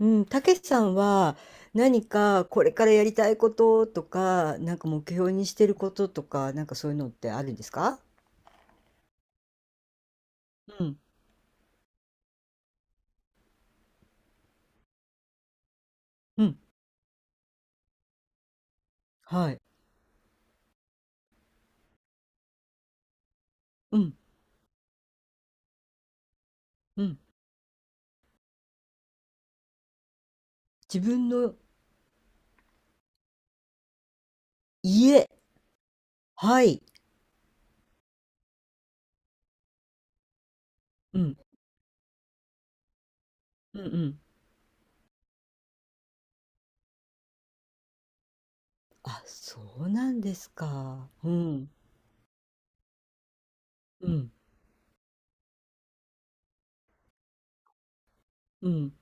うん、たけしさんは何かこれからやりたいこととか、なんか目標にしてることとか、なんかそういうのってあるんですか？うん、うん、はい、うん、うん。自分の家、はい、うん、うん、うん。あ、そうなんですか。うん、うん、うん。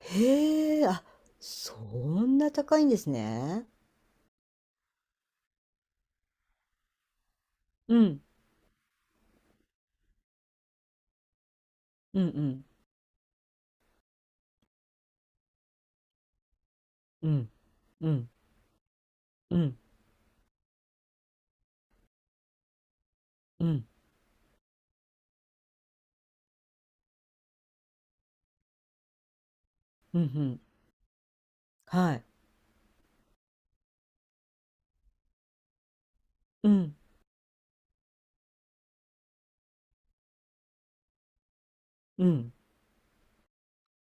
へえ、あ、そんな高いんですね。うん、うん、うん、うん、うん、うん、うん、うん、うんはい、うん、うん、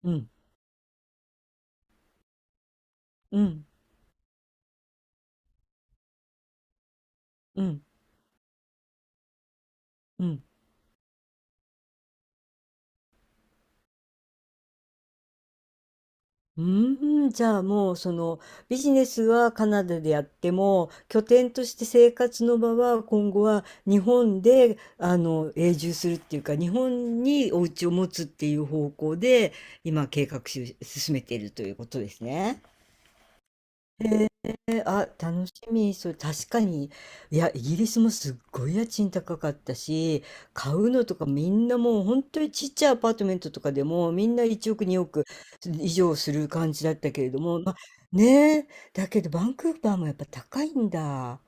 うん。うんうん、うん。うーん、じゃあもうそのビジネスはカナダでやっても、拠点として生活の場は今後は日本で、あの、永住するっていうか日本にお家を持つっていう方向で今計画し進めているということですね。あ、楽しみ。そう、確かに。いや、イギリスもすっごい家賃高かったし、買うのとかみんなもう本当にちっちゃいアパートメントとかでもみんな1億、2億以上する感じだったけれども、まあ、ねえ、だけどバンクーバーもやっぱ高いんだ。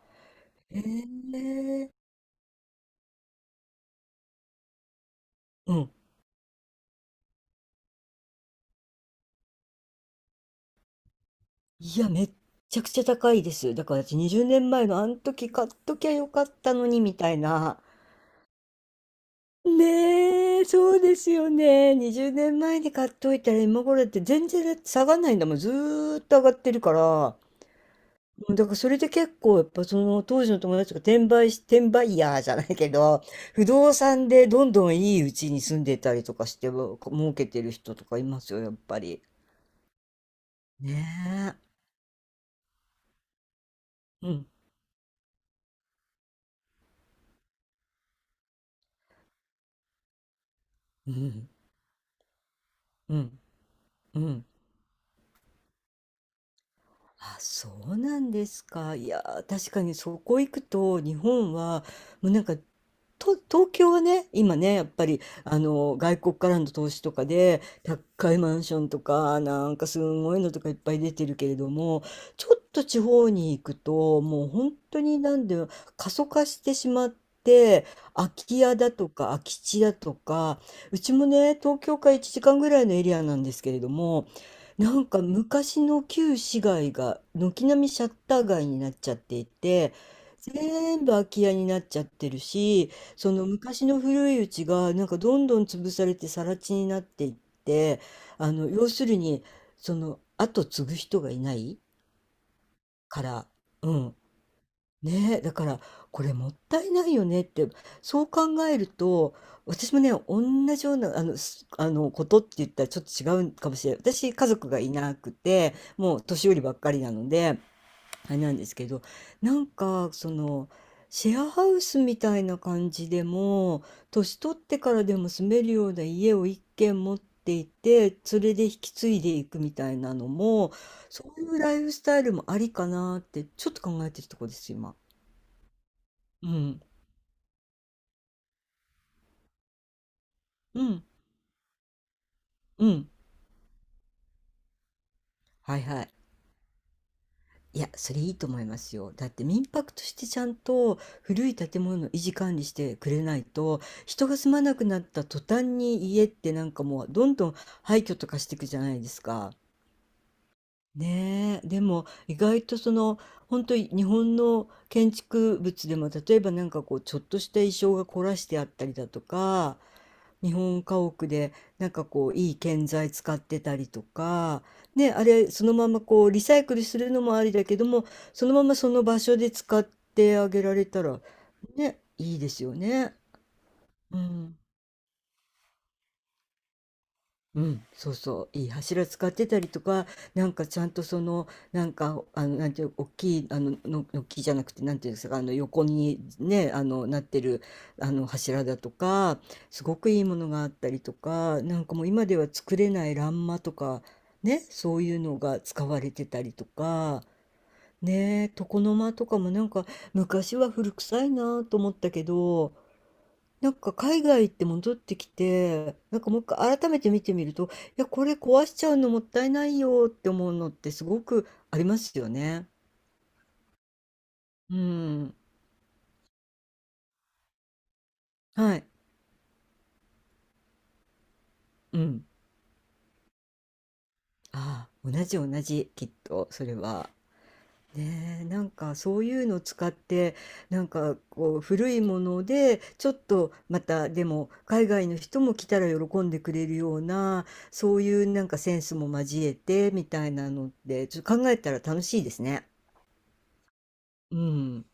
へえ、うん。いや、めっちゃくちゃ高いです。だから私20年前のあの時買っときゃよかったのにみたいな。ねえ、そうですよね。20年前に買っといたら今頃だって、全然だって下がんないんだもん。ずーっと上がってるから。うん、だからそれで結構やっぱその当時の友達が、転売ヤーじゃないけど、不動産でどんどんいいうちに住んでたりとかしても儲けてる人とかいますよ、やっぱり。ねえ。うん、うん、うん、うん。あ、そうなんですか。いやー、確かにそこ行くと、日本は、もうなんか、東京はね、今ね、やっぱり、あの、外国からの投資とかで、高いマンションとか、なんかすごいのとかいっぱい出てるけれども、ちょっと地方に行くと、もう本当になんで、過疎化してしまって、空き家だとか空き地だとか、うちもね、東京から1時間ぐらいのエリアなんですけれども、なんか昔の旧市街が軒並みシャッター街になっちゃっていて、全部空き家になっちゃってるし、その昔の古いうちがなんかどんどん潰されて更地になっていって、あの、要するにその後継ぐ人がいないから、うん、ねえ、だから、これもったいないよねって。そう考えると、私もね、同じような、あの、ことって言ったらちょっと違うかもしれない。私、家族がいなくて、もう年寄りばっかりなので、あれなんですけど、なんか、その、シェアハウスみたいな感じでも、年取ってからでも住めるような家を一軒持っていて、それで引き継いでいくみたいなのも、そういうライフスタイルもありかなって、ちょっと考えてるところです、今。うん、うん、うん。はいはい。いや、それいいと思いますよ。だって民泊としてちゃんと古い建物の維持管理してくれないと、人が住まなくなった途端に家ってなんかもうどんどん廃墟とかしていくじゃないですか。ねえ、でも意外と、その、本当に日本の建築物でも、例えばなんかこうちょっとした意匠が凝らしてあったりだとか、日本家屋でなんかこういい建材使ってたりとか、ね、あれそのままこうリサイクルするのもありだけども、そのままその場所で使ってあげられたらね、いいですよね。うん、うん、そうそう、いい柱使ってたりとか、なんかちゃんとその、なんか、あの、なんていう、大きい、あの、の木じゃなくて、なんていうんですか、あの、横にね、あの、なってる、あの、柱だとか、すごくいいものがあったりとか、なんかもう今では作れない欄間とか、ね、そういうのが使われてたりとか、ね、床の間とかもなんか、昔は古臭いなと思ったけど、なんか海外行って戻ってきて、なんかもう一回改めて見てみると、いや、これ壊しちゃうのもったいないよって思うのってすごくありますよね。うん。はい。うん。ああ、同じ同じ、きっと、それは。ねえ、なんかそういうのを使って、なんかこう古いもので、ちょっとまたでも海外の人も来たら喜んでくれるような、そういうなんかセンスも交えてみたいなのでちょっと考えたら楽しいですね。うん。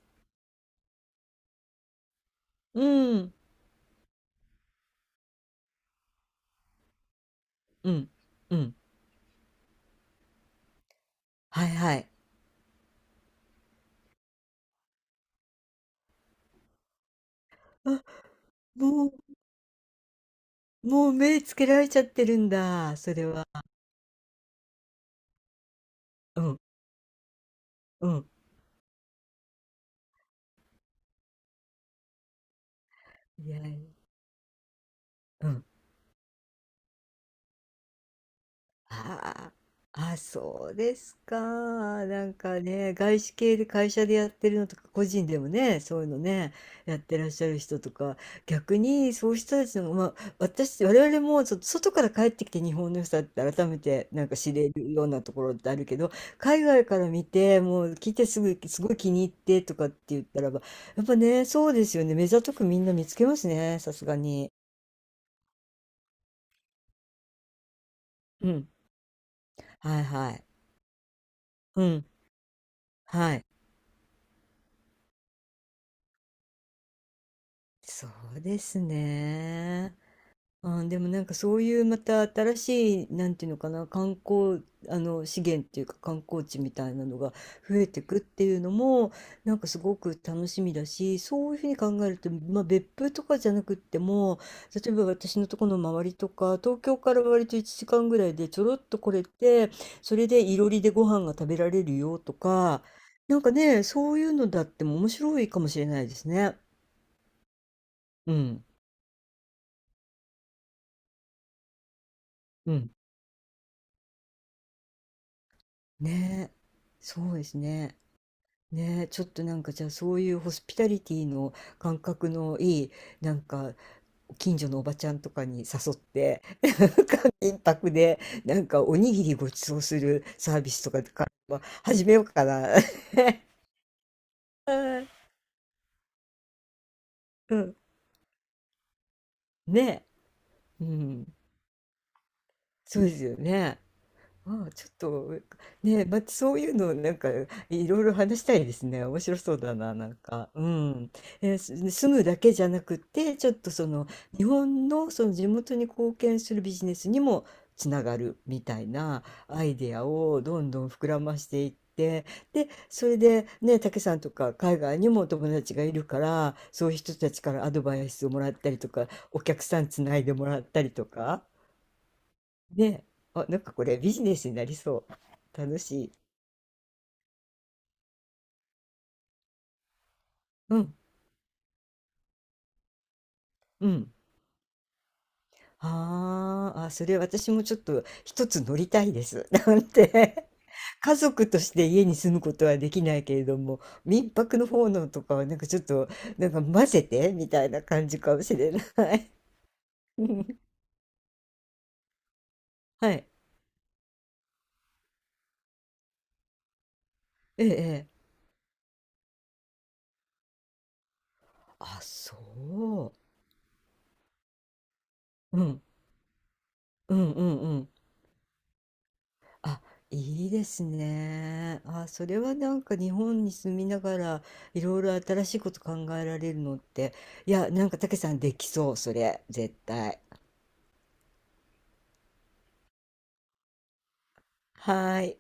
うん。うん。うん。はいはい。あ、もうもう目つけられちゃってるんだ、それは。うん、うん。いやいや、うん。ああ、あ、そうですか。なんかね、外資系で会社でやってるのとか、個人でもね、そういうのね、やってらっしゃる人とか、逆にそういう人たちの、まあ、私、我々もちょっと外から帰ってきて日本の良さって改めてなんか知れるようなところってあるけど、海外から見て、もう来てすぐ、すごい気に入ってとかって言ったらば、やっぱね、そうですよね。目ざとくみんな見つけますね、さすがに。うん。はいはい。うん。はい。そうですね。あ、でもなんかそういうまた新しい、なんていうのかな、観光、あの、資源っていうか観光地みたいなのが増えてくっていうのも、なんかすごく楽しみだし、そういうふうに考えると、まあ別府とかじゃなくっても、例えば私のところの周りとか、東京から割と1時間ぐらいでちょろっと来れて、それでいろりでご飯が食べられるよとか、なんかね、そういうのだっても面白いかもしれないですね。うん。うん。ねえ、そうですね。ねえ、ちょっとなんかじゃあそういうホスピタリティの感覚のいい、なんか近所のおばちゃんとかに誘って、なんか民泊で、なんかおにぎりごちそうするサービスとかからは始めようかな。うん。ねえ、うん。そうですよね。まあ、ちょっと、ね、またそういうの、なんか、いろいろ話したいですね。面白そうだな、なんか。うん。えーす住むだけじゃなくて、ちょっとその、日本のその地元に貢献するビジネスにもつながるみたいなアイデアをどんどん膨らましていって、で、それで、ね、竹さんとか海外にもお友達がいるから、そういう人たちからアドバイスをもらったりとか、お客さんつないでもらったりとか。ね、あ、なんかこれビジネスになりそう。楽しい。うん、うん。あーあ、それ私もちょっと一つ乗りたいです。なんて。家族として家に住むことはできないけれども、民泊の方のとかはなんかちょっと、なんか混ぜてみたいな感じかもしれない。うん、はい。ええ。ええ、あ、そう。うん。うんうんうん。あ、いいですね。あ、それはなんか日本に住みながらいろいろ新しいこと考えられるのって、いや、なんかたけさんできそう、それ、絶対。はーい。